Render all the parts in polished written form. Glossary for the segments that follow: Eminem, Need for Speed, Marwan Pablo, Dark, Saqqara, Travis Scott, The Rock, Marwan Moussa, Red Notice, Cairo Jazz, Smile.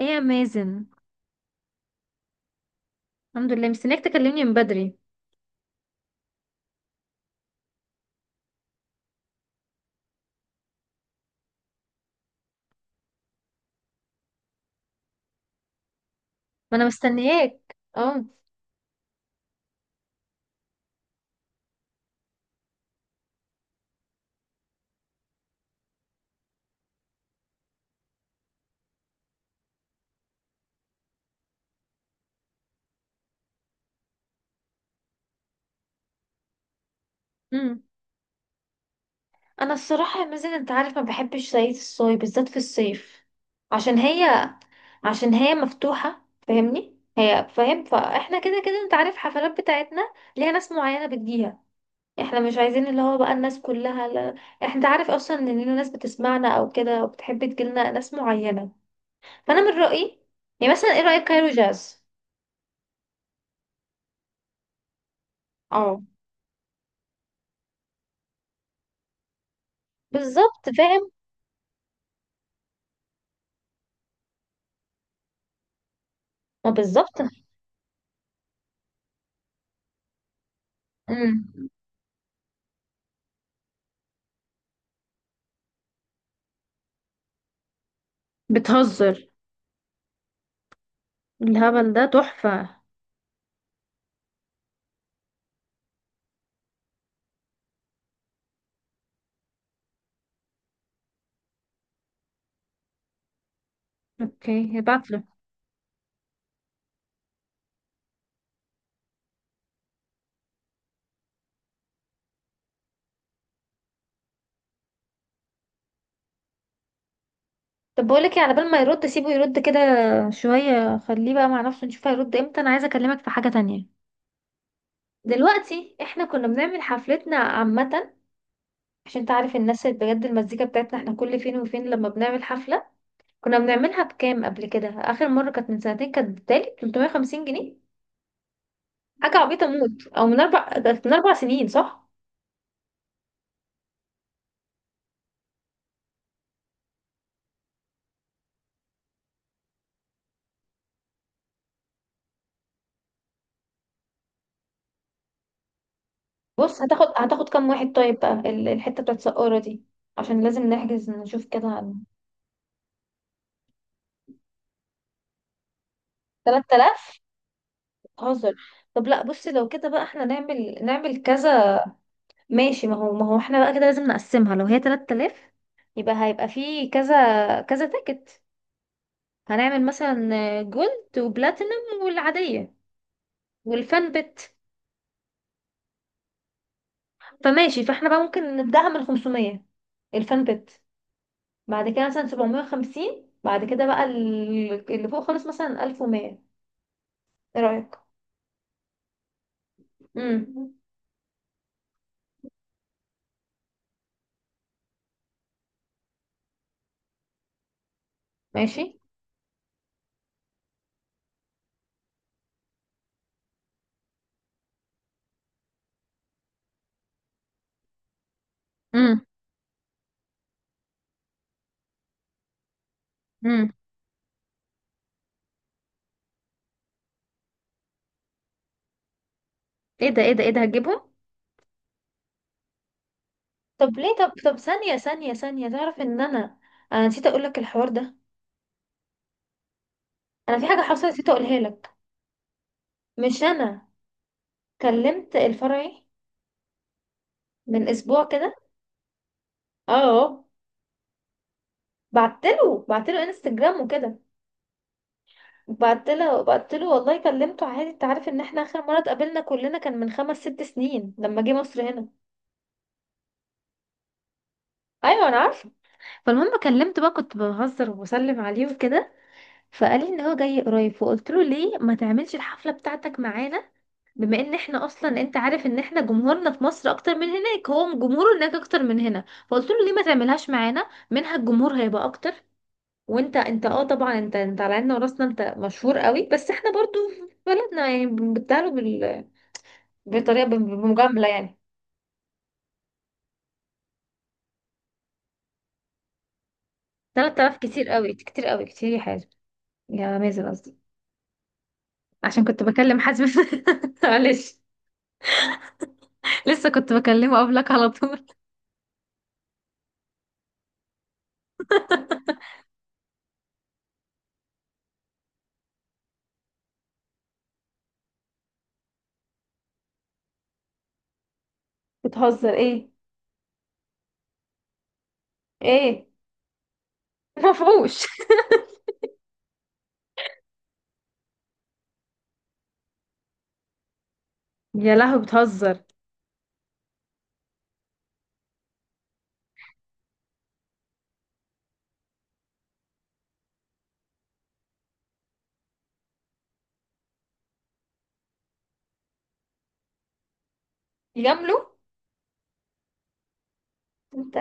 ايه يا مازن. الحمد لله، مستنياك تكلمني من بدري. ما انا مستنياك، اه. امم انا الصراحه يا مازن، انت عارف ما بحبش زيت الصويا بالذات في الصيف، عشان هي عشان هي مفتوحه، فاهمني؟ هي فاهم. فاحنا كده كده انت عارف الحفلات بتاعتنا ليها ناس معينه بتجيها. احنا مش عايزين اللي هو بقى الناس كلها، لا. احنا انت عارف اصلا ان لينا ناس بتسمعنا او كده، وبتحب تجيلنا ناس معينه. فانا من رايي يعني مثلا، ايه رايك كايرو جاز؟ اه، بالظبط فاهم. ما بالظبط. امم بتهزر، الهبل ده تحفة. اوكي، هبعتله. طب بقولك ايه، على بال ما يرد سيبه يرد كده شوية، خليه بقى مع نفسه، نشوف هيرد امتى. انا عايزة اكلمك في حاجة تانية. دلوقتي احنا كنا بنعمل حفلتنا عامة عشان تعرف الناس اللي بجد المزيكا بتاعتنا. احنا كل فين وفين لما بنعمل حفلة كنا بنعملها بكام؟ قبل كده اخر مرة كانت من سنتين، كانت بتالي 350 جنيه. حاجة عبيطة موت. او من اربع، كانت من 4 سنين، صح. بص، هتاخد كام واحد طيب بقى ال- الحتة بتاعت سقارة دي؟ عشان لازم نحجز نشوف كده. 3000؟ بتهزر. طب لا، بص لو كده بقى احنا نعمل نعمل كذا. ماشي، ما هو احنا بقى كده لازم نقسمها. لو هي 3000 يبقى هيبقى في كذا كذا تيكت. هنعمل مثلا جولد وبلاتينم والعادية والفان بت. فماشي، فاحنا بقى ممكن نبدأها من 500، الفان بت. بعد كده مثلا 750، بعد كده بقى ال- اللي فوق خالص مثلا 1100. ايه رأيك؟ امم ماشي. امم امم ايه ده ايه ده ايه ده، هتجيبهم؟ طب ليه، طب ثانية ثانية ثانية، تعرف ان انا نسيت اقول لك الحوار ده. انا في حاجة حصلت نسيت اقولها لك. مش انا كلمت الفرعي من اسبوع كده. اه. بعت له انستجرام وكده. بعت له والله، كلمته عادي. انت عارف ان احنا اخر مرة اتقابلنا كلنا كان من خمس ست سنين لما جه مصر هنا. ايوه انا عارفه. فالمهم كلمته بقى، كنت بهزر وبسلم عليه وكده. فقال لي ان هو جاي قريب، فقلت له ليه ما تعملش الحفله بتاعتك معانا؟ بما ان احنا اصلا انت عارف ان احنا جمهورنا في مصر اكتر من هناك. هو جمهوره هناك اكتر من هنا، فقلت له ليه ما تعملهاش معانا منها الجمهور هيبقى اكتر. وانت اه طبعا انت على عيننا وراسنا، انت مشهور قوي بس احنا برضو في بلدنا يعني بنبتعله بال... بطريقه بمجامله يعني. 3000 كتير قوي كتير قوي كتير يا حازم. يا مازن قصدي. عشان كنت بكلم حازم. معلش، لسه كنت بكلمه قبلك على طول. بتهزر ايه؟ ايه؟ مفهوش. يا لهوي، بتهزر. يجاملو. انت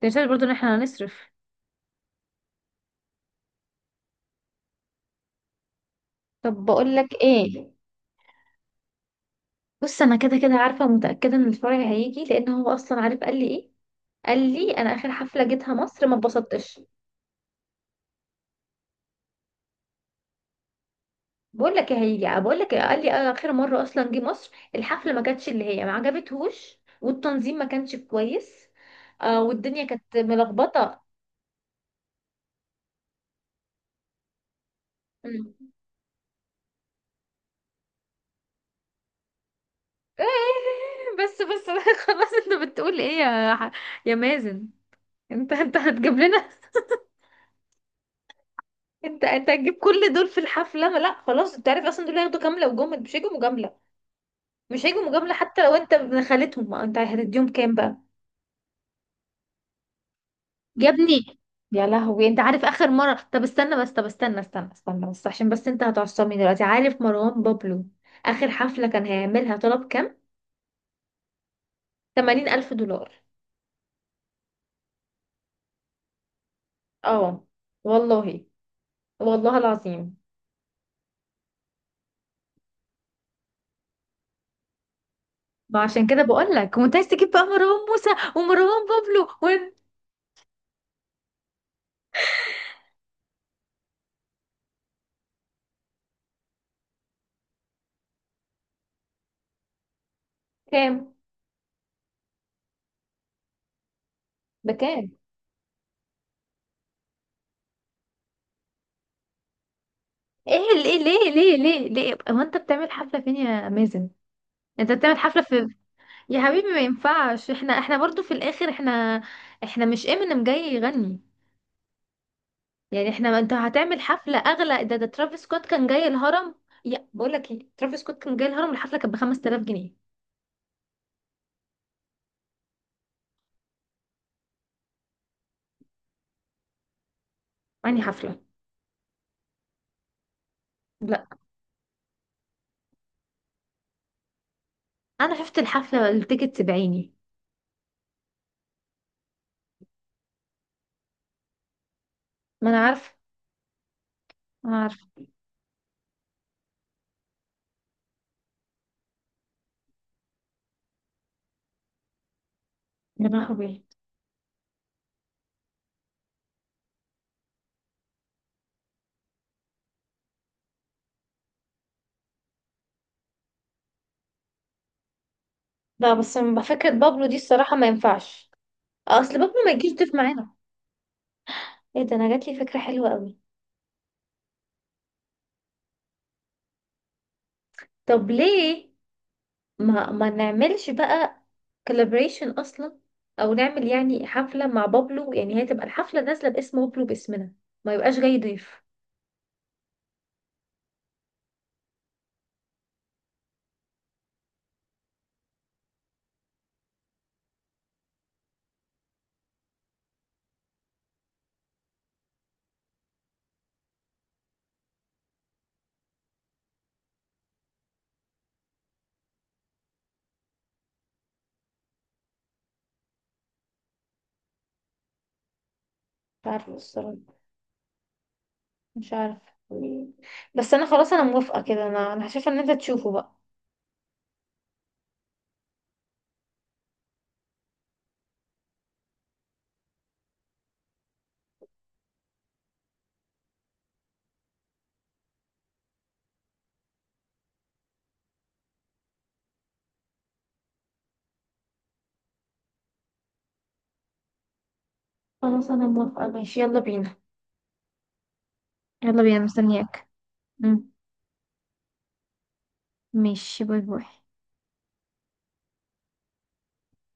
تنساش برضو ان احنا هنصرف. طب بقول لك ايه، بص انا كده كده عارفه متاكده ان الفرع هيجي. لان هو اصلا عارف. قال لي ايه؟ قال لي انا اخر حفله جيتها مصر ما اتبسطتش. بقول لك ايه هيجي، بقول لك إيه، قال لي اخر مره اصلا جه مصر الحفله ما كانتش اللي هي ما عجبتهوش والتنظيم ما كانش كويس. والدنيا كانت ملخبطه. مم. بس خلاص، انت بتقول ايه يا ح- يا مازن؟ انت هتجيب لنا؟ انت هتجيب كل دول في الحفله؟ ما لا خلاص، انت عارف اصلا دول هياخدوا كامله وجمل. مش هيجوا مجامله، مش هيجوا مجامله حتى لو انت ابن خالتهم. ما انت هتديهم كام بقى؟ يا ابني، يا لهوي. انت عارف اخر مره، طب استنى بس، طب استنى بس عشان بس انت هتعصبني دلوقتي. عارف مروان بابلو اخر حفله كان هيعملها طلب كام؟ 80000 الف دولار. اه، والله. والله العظيم. ما عشان كده بقول لك وانت عايز تجيب بقى مروان موسى ومروان بابلو وين. كام؟ بكام؟ ايه ليه ليه ليه ليه ليه، هو انت بتعمل حفلة فين يا مازن؟ انت بتعمل حفلة في، يا حبيبي ما ينفعش. احنا برضو في الاخر، احنا مش امينيم جاي يغني يعني. احنا انت هتعمل حفلة اغلى؟ ده ترافيس سكوت كان جاي الهرم. يا، بقول لك ايه، ترافيس سكوت كان جاي الهرم الحفلة كانت ب 5000 جنيه. يعني حفلة. لا انا شفت الحفلة، التيكت بعيني. ما انا عارفه. ما انا عارفه. يا لهوي. لا بس ما فكرة بابلو دي الصراحة ما ينفعش. اصل بابلو ما يجيش ضيف معانا. ايه ده، انا جات لي فكرة حلوة قوي. طب ليه ما نعملش بقى كولابريشن اصلا؟ او نعمل يعني حفله مع بابلو، يعني هي تبقى الحفله نازله باسم بابلو باسمنا، ما يبقاش جاي ضيف. مش عارفة الصراحة. مش عارفة. بس انا خلاص انا موافقة كده. انا انا شايفة ان انت تشوفه بقى. خلاص انا موافقة ماشي، يلا بينا. يلا بينا مستنياك. مم. ماشي، باي باي.